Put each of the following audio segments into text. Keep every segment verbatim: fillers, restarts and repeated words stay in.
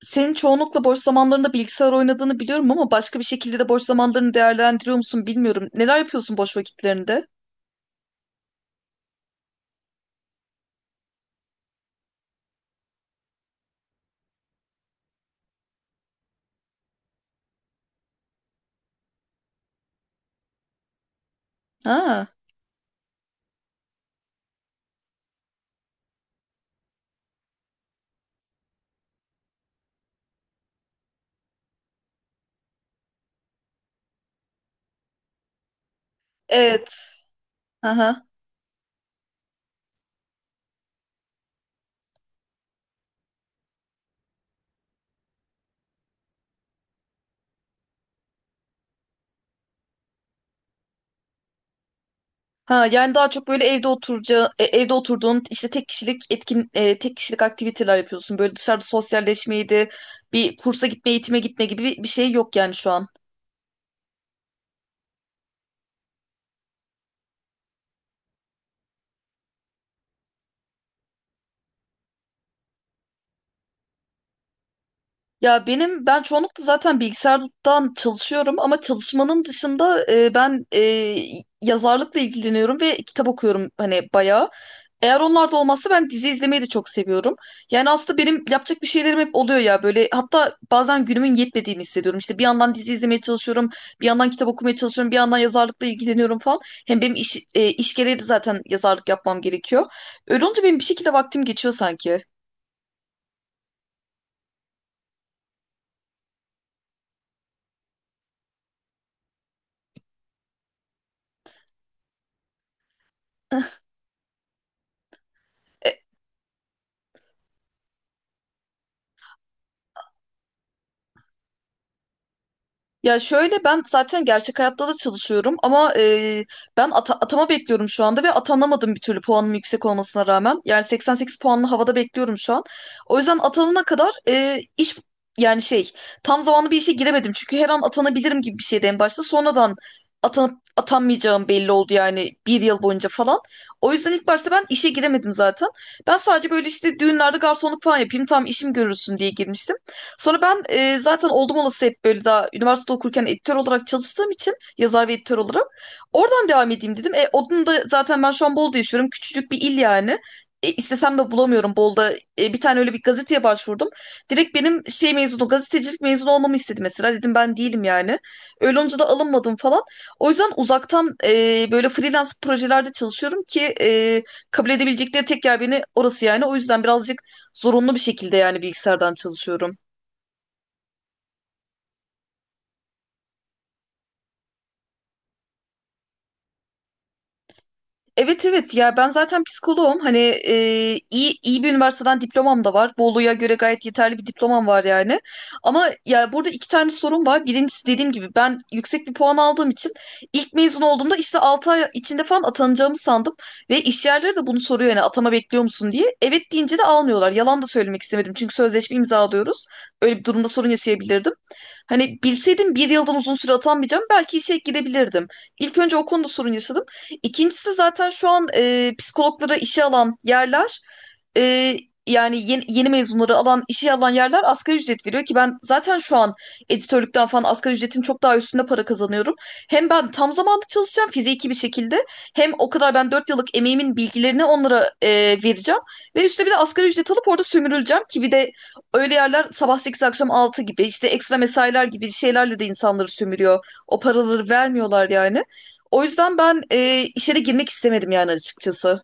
Senin çoğunlukla boş zamanlarında bilgisayar oynadığını biliyorum ama başka bir şekilde de boş zamanlarını değerlendiriyor musun bilmiyorum. Neler yapıyorsun boş vakitlerinde? Ha, evet. Aha. Ha, yani daha çok böyle evde oturacağı, e, evde oturduğun işte tek kişilik etkin, e, tek kişilik aktiviteler yapıyorsun. Böyle dışarıda sosyalleşmeyi de bir kursa gitme, eğitime gitme gibi bir bir şey yok yani şu an. Ya benim ben çoğunlukla zaten bilgisayardan çalışıyorum ama çalışmanın dışında e, ben e, yazarlıkla ilgileniyorum ve kitap okuyorum hani bayağı. Eğer onlar da olmazsa ben dizi izlemeyi de çok seviyorum. Yani aslında benim yapacak bir şeylerim hep oluyor ya böyle, hatta bazen günümün yetmediğini hissediyorum. İşte bir yandan dizi izlemeye çalışıyorum, bir yandan kitap okumaya çalışıyorum, bir yandan yazarlıkla ilgileniyorum falan. Hem benim iş, e, iş gereği de zaten yazarlık yapmam gerekiyor. Öyle olunca benim bir şekilde vaktim geçiyor sanki. E, Ya şöyle, ben zaten gerçek hayatta da çalışıyorum ama e, ben ata- atama bekliyorum şu anda ve atanamadım bir türlü, puanım yüksek olmasına rağmen. Yani seksen sekiz puanlı havada bekliyorum şu an. O yüzden atanana kadar e, iş yani şey, tam zamanlı bir işe giremedim. Çünkü her an atanabilirim gibi bir şeydi en başta. Sonradan atanıp atanmayacağım belli oldu yani, bir yıl boyunca falan. O yüzden ilk başta ben işe giremedim zaten. Ben sadece böyle işte düğünlerde garsonluk falan yapayım, tam işim görürsün diye girmiştim. Sonra ben e, zaten oldum olası hep böyle, daha üniversite okurken editör olarak çalıştığım için, yazar ve editör olarak oradan devam edeyim dedim. E, onun da zaten, ben şu an Bolu'da yaşıyorum. Küçücük bir il yani. E, istesem de bulamıyorum Bolu'da. E, bir tane öyle bir gazeteye başvurdum. Direkt benim şey mezunu, gazetecilik mezunu olmamı istedi mesela. Dedim ben değilim yani. Öyle olunca da alınmadım falan. O yüzden uzaktan e, böyle freelance projelerde çalışıyorum ki e, kabul edebilecekleri tek yer beni, orası yani. O yüzden birazcık zorunlu bir şekilde yani bilgisayardan çalışıyorum. Evet, evet, ya ben zaten psikoloğum hani, e, iyi iyi bir üniversiteden diplomam da var. Bolu'ya göre gayet yeterli bir diplomam var yani. Ama ya burada iki tane sorun var. Birincisi, dediğim gibi, ben yüksek bir puan aldığım için ilk mezun olduğumda işte altı ay içinde falan atanacağımı sandım. Ve iş yerleri de bunu soruyor yani, atama bekliyor musun diye. Evet deyince de almıyorlar. Yalan da söylemek istemedim çünkü sözleşme imzalıyoruz. Öyle bir durumda sorun yaşayabilirdim. Hani bilseydim bir yıldan uzun süre atanmayacağım, belki işe girebilirdim. İlk önce o konuda sorun yaşadım. İkincisi, zaten şu an e, psikologlara işe alan yerler, e, yani yeni, yeni mezunları alan, işe alan yerler asgari ücret veriyor ki ben zaten şu an editörlükten falan asgari ücretin çok daha üstünde para kazanıyorum. Hem ben tam zamanlı çalışacağım fiziki bir şekilde, hem o kadar ben dört yıllık emeğimin bilgilerini onlara e, vereceğim ve üstüne bir de asgari ücret alıp orada sömürüleceğim ki bir de öyle yerler sabah sekiz akşam altı gibi işte ekstra mesailer gibi şeylerle de insanları sömürüyor. O paraları vermiyorlar yani. O yüzden ben e, işe de girmek istemedim yani, açıkçası.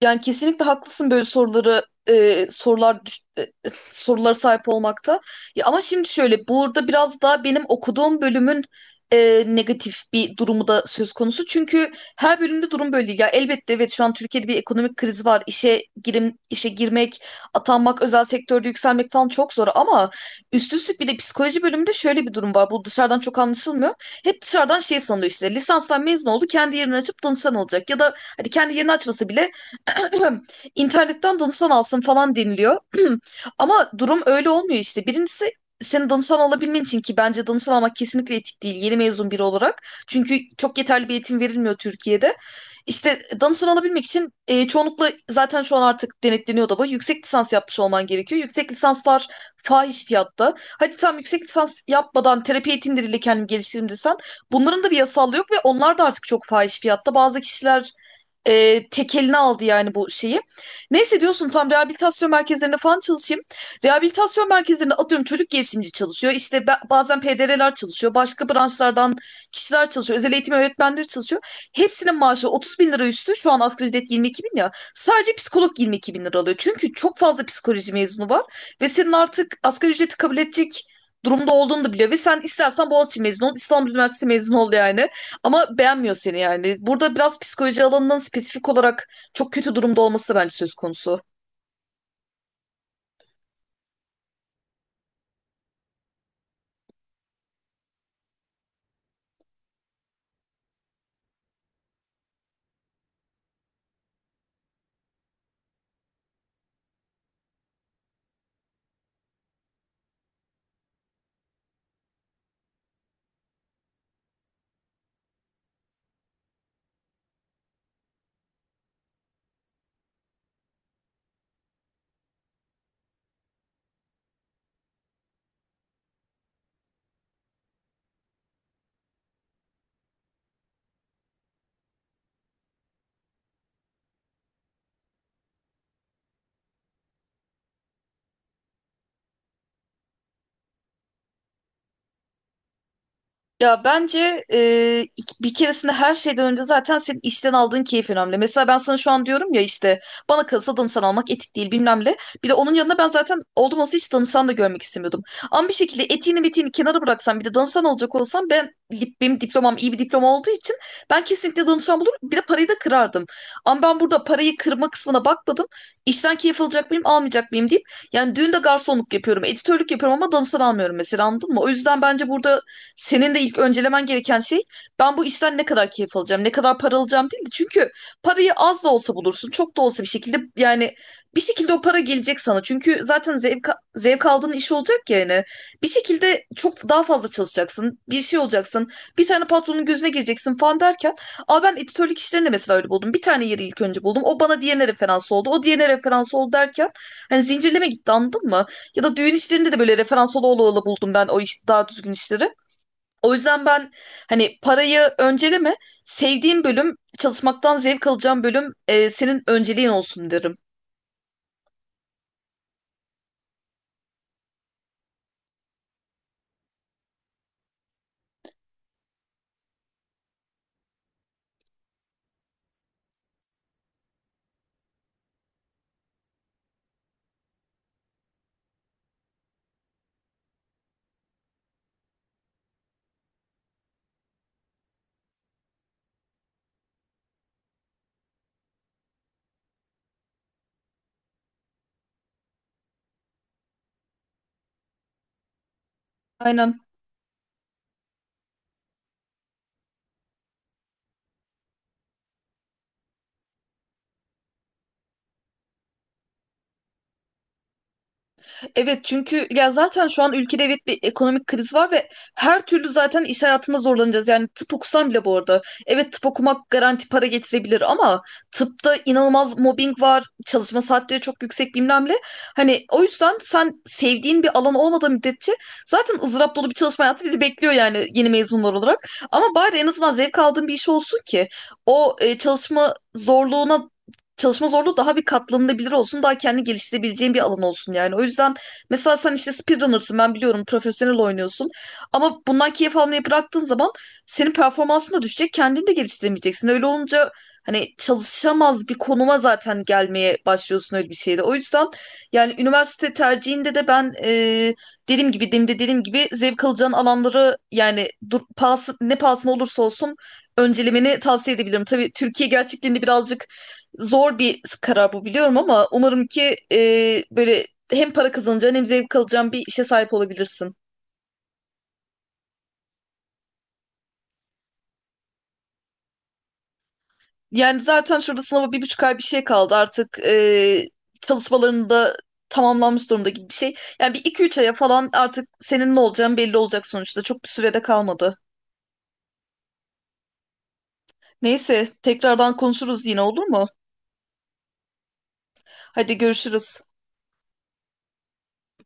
Yani kesinlikle haklısın böyle soruları e, sorular düş- e, sorulara sahip olmakta. Ya ama şimdi şöyle, burada biraz daha benim okuduğum bölümün e, negatif bir durumu da söz konusu. Çünkü her bölümde durum böyle değil. Ya elbette, evet, şu an Türkiye'de bir ekonomik kriz var. İşe girim işe girmek, atanmak, özel sektörde yükselmek falan çok zor, ama üst üstlük bir de psikoloji bölümünde şöyle bir durum var. Bu dışarıdan çok anlaşılmıyor. Hep dışarıdan şey sanılıyor, işte lisanstan mezun oldu, kendi yerini açıp danışan olacak ya da hadi kendi yerini açmasa bile internetten danışan alsın falan deniliyor. Ama durum öyle olmuyor işte. Birincisi, senin danışan alabilmen için, ki bence danışan almak kesinlikle etik değil yeni mezun biri olarak. Çünkü çok yeterli bir eğitim verilmiyor Türkiye'de. İşte danışan alabilmek için e, çoğunlukla zaten şu an artık denetleniyor da bu. Yüksek lisans yapmış olman gerekiyor. Yüksek lisanslar fahiş fiyatta. Hadi tam yüksek lisans yapmadan terapi eğitimleriyle kendimi geliştiririm desen, bunların da bir yasallığı yok ve onlar da artık çok fahiş fiyatta. Bazı kişiler e, tek eline aldı yani bu şeyi. Neyse diyorsun, tam rehabilitasyon merkezlerinde falan çalışayım. Rehabilitasyon merkezlerinde atıyorum çocuk girişimci çalışıyor. İşte ba- bazen P D R'ler çalışıyor. Başka branşlardan kişiler çalışıyor. Özel eğitim öğretmenleri çalışıyor. Hepsinin maaşı otuz bin lira üstü. Şu an asgari ücret yirmi iki bin ya. Sadece psikolog yirmi iki bin lira alıyor. Çünkü çok fazla psikoloji mezunu var. Ve senin artık asgari ücreti kabul edecek durumda olduğunu da biliyor. Ve sen istersen Boğaziçi mezunu ol, İstanbul Üniversitesi mezunu ol yani. Ama beğenmiyor seni yani. Burada biraz psikoloji alanının spesifik olarak çok kötü durumda olması da bence söz konusu. Ya bence, e, ik- bir keresinde, her şeyden önce zaten senin işten aldığın keyif önemli. Mesela ben sana şu an diyorum ya işte, bana kalırsa danışan almak etik değil, bilmem ne. Bir de onun yanına ben zaten oldum olsa hiç danışan da görmek istemiyordum. Ama bir şekilde etiğini bitiğini kenara bıraksam, bir de danışan olacak olsam, ben dip- benim diplomam iyi bir diploma olduğu için ben kesinlikle danışan bulurum. Bir de parayı da kırardım. Ama ben burada parayı kırma kısmına bakmadım. İşten keyif alacak mıyım almayacak mıyım deyip, yani düğünde garsonluk yapıyorum, editörlük yapıyorum, ama danışan almıyorum mesela, anladın mı? O yüzden bence burada senin de ilk öncelemen gereken şey, ben bu işten ne kadar keyif alacağım, ne kadar para alacağım değil de, çünkü parayı az da olsa bulursun, çok da olsa, bir şekilde yani, bir şekilde o para gelecek sana. Çünkü zaten zevk zevk aldığın iş olacak ya yani. Bir şekilde çok daha fazla çalışacaksın, bir şey olacaksın. Bir tane patronun gözüne gireceksin falan derken, aa, ben editörlük işlerini mesela öyle buldum. Bir tane yeri ilk önce buldum. O bana diğerine referans oldu. O diğerine referans oldu derken, hani zincirleme gitti, anladın mı? Ya da düğün işlerinde de böyle referans ola ola ola buldum ben o iş, daha düzgün işleri. O yüzden ben hani parayı önceleme, sevdiğin bölüm, çalışmaktan zevk alacağın bölüm e, senin önceliğin olsun derim. Aynen. Evet, çünkü ya zaten şu an ülkede, evet, bir ekonomik kriz var ve her türlü zaten iş hayatında zorlanacağız. Yani tıp okusan bile, bu arada. Evet, tıp okumak garanti para getirebilir ama tıpta inanılmaz mobbing var. Çalışma saatleri çok yüksek, bilmem ne. Hani o yüzden sen sevdiğin bir alan olmadığı müddetçe zaten ızdırap dolu bir çalışma hayatı bizi bekliyor yani yeni mezunlar olarak. Ama bari en azından zevk aldığın bir iş olsun ki o e, çalışma zorluğuna çalışma zorluğu daha bir katlanılabilir olsun, daha kendi geliştirebileceğin bir alan olsun yani. O yüzden mesela sen işte speedrunner'sın, ben biliyorum, profesyonel oynuyorsun. Ama bundan keyif almayı bıraktığın zaman senin performansın da düşecek, kendini de geliştiremeyeceksin. Öyle olunca hani çalışamaz bir konuma zaten gelmeye başlıyorsun öyle bir şeyde. O yüzden yani üniversite tercihinde de ben, e, dediğim gibi, demin de dediğim gibi, zevk alacağın alanları yani, dur, pahası- ne pahasına olursa olsun öncelemeni tavsiye edebilirim. Tabii Türkiye gerçekliğinde birazcık zor bir karar bu, biliyorum, ama umarım ki e, böyle hem para kazanacağın hem zevk alacağın bir işe sahip olabilirsin. Yani zaten şurada sınava bir buçuk ay bir şey kaldı artık, e, çalışmaların da tamamlanmış durumda gibi bir şey. Yani bir iki üç aya falan artık senin ne olacağın belli olacak sonuçta. Çok bir sürede kalmadı. Neyse, tekrardan konuşuruz yine, olur mu? Hadi, görüşürüz.